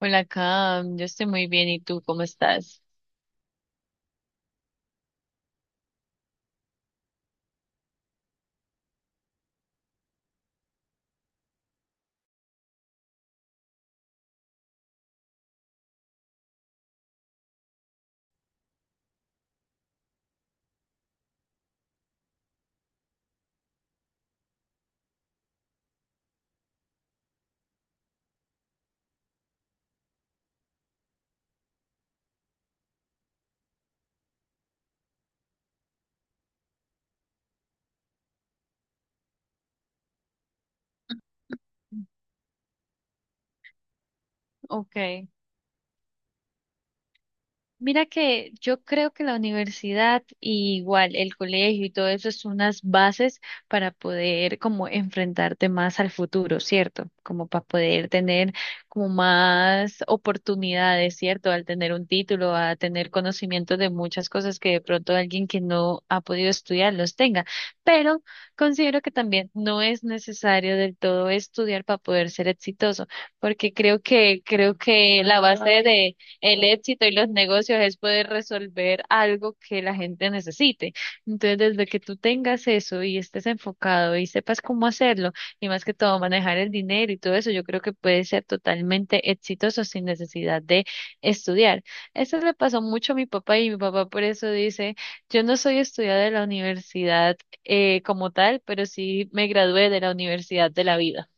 Hola, Cam, yo estoy muy bien, ¿y tú cómo estás? Ok. Mira que yo creo que la universidad y igual el colegio y todo eso es unas bases para poder como enfrentarte más al futuro, ¿cierto? Como para poder tener como más oportunidades, ¿cierto? Al tener un título, a tener conocimiento de muchas cosas que de pronto alguien que no ha podido estudiar los tenga. Pero considero que también no es necesario del todo estudiar para poder ser exitoso, porque creo que la base de el éxito y los negocios es poder resolver algo que la gente necesite. Entonces, desde que tú tengas eso y estés enfocado y sepas cómo hacerlo, y más que todo manejar el dinero y todo eso, yo creo que puedes ser totalmente exitoso sin necesidad de estudiar. Eso le pasó mucho a mi papá y mi papá por eso dice, yo no soy estudiada de la universidad como tal, pero sí me gradué de la universidad de la vida.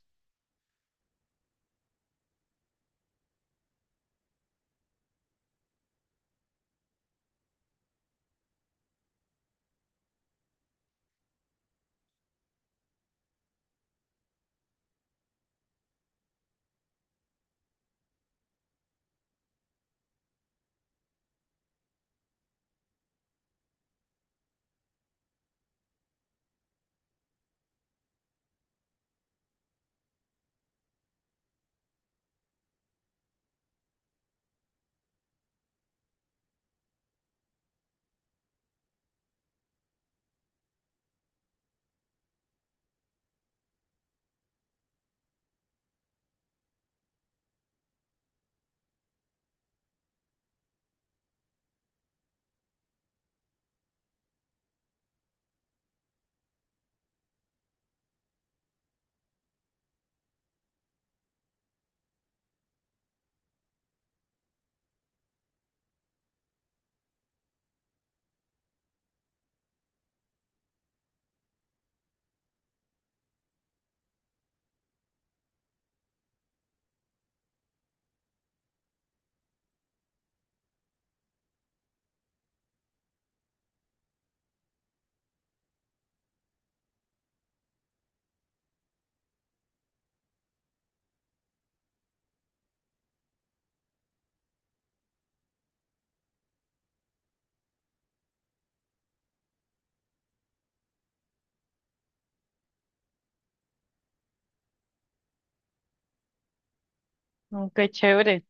Mm. Qué chévere.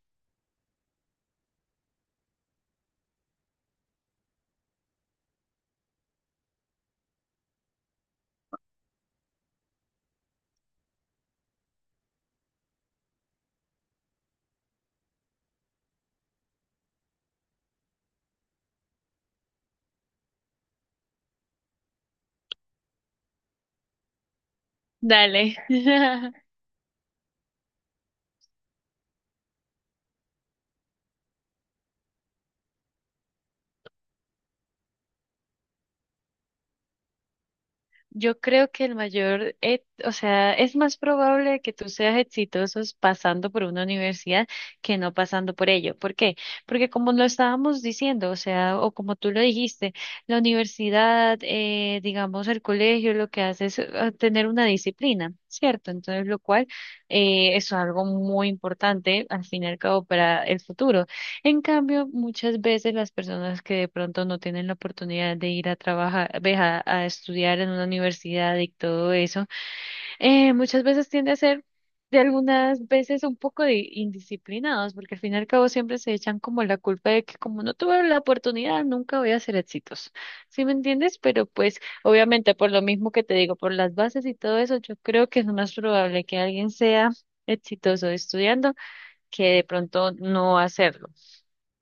Dale. Yo creo que el mayor, o sea, es más probable que tú seas exitoso pasando por una universidad que no pasando por ello. ¿Por qué? Porque como lo estábamos diciendo, o sea, o como tú lo dijiste, la universidad, digamos, el colegio, lo que hace es tener una disciplina, ¿cierto? Entonces, lo cual es algo muy importante al fin y al cabo para el futuro. En cambio, muchas veces las personas que de pronto no tienen la oportunidad de ir a trabajar, ve, a estudiar en una universidad y todo eso, muchas veces tiende a ser de algunas veces un poco de indisciplinados, porque al fin y al cabo siempre se echan como la culpa de que como no tuve la oportunidad, nunca voy a ser exitoso. ¿Sí me entiendes? Pero pues obviamente por lo mismo que te digo, por las bases y todo eso, yo creo que es más probable que alguien sea exitoso estudiando que de pronto no hacerlo.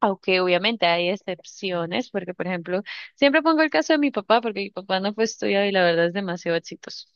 Aunque obviamente hay excepciones, porque por ejemplo, siempre pongo el caso de mi papá, porque mi papá no fue estudiado y la verdad es demasiado exitoso.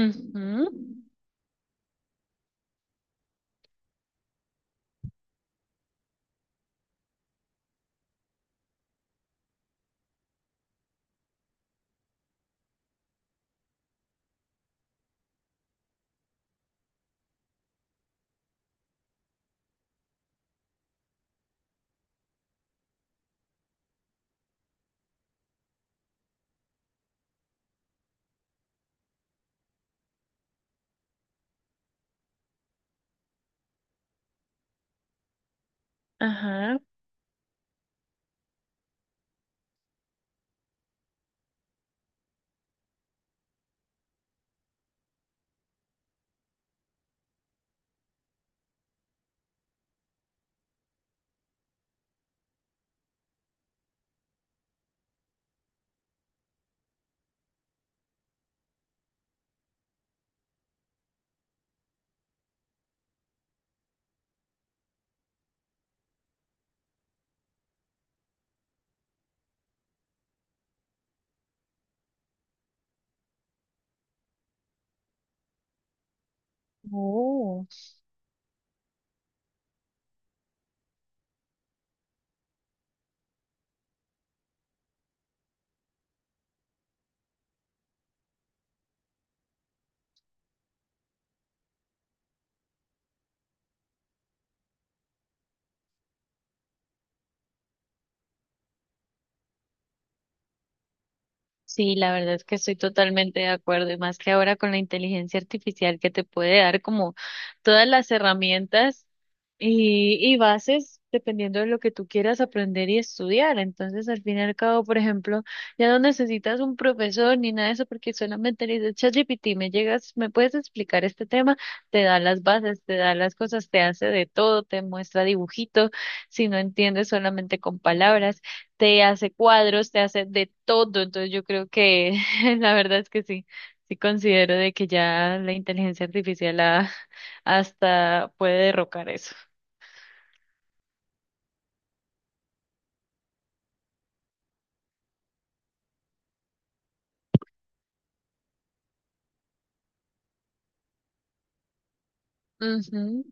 Ujú. Ajá. Oh. Sí, la verdad es que estoy totalmente de acuerdo y más que ahora con la inteligencia artificial que te puede dar como todas las herramientas y bases dependiendo de lo que tú quieras aprender y estudiar. Entonces, al fin y al cabo, por ejemplo, ya no necesitas un profesor ni nada de eso porque solamente le dices, ChatGPT, me llegas, me puedes explicar este tema, te da las bases, te da las cosas, te hace de todo, te muestra dibujitos, si no entiendes solamente con palabras te hace cuadros, te hace de todo. Entonces yo creo que la verdad es que sí, sí considero de que ya la inteligencia artificial hasta puede derrocar eso. Ujú.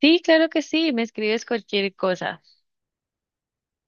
Sí, claro que sí, me escribes cualquier cosa.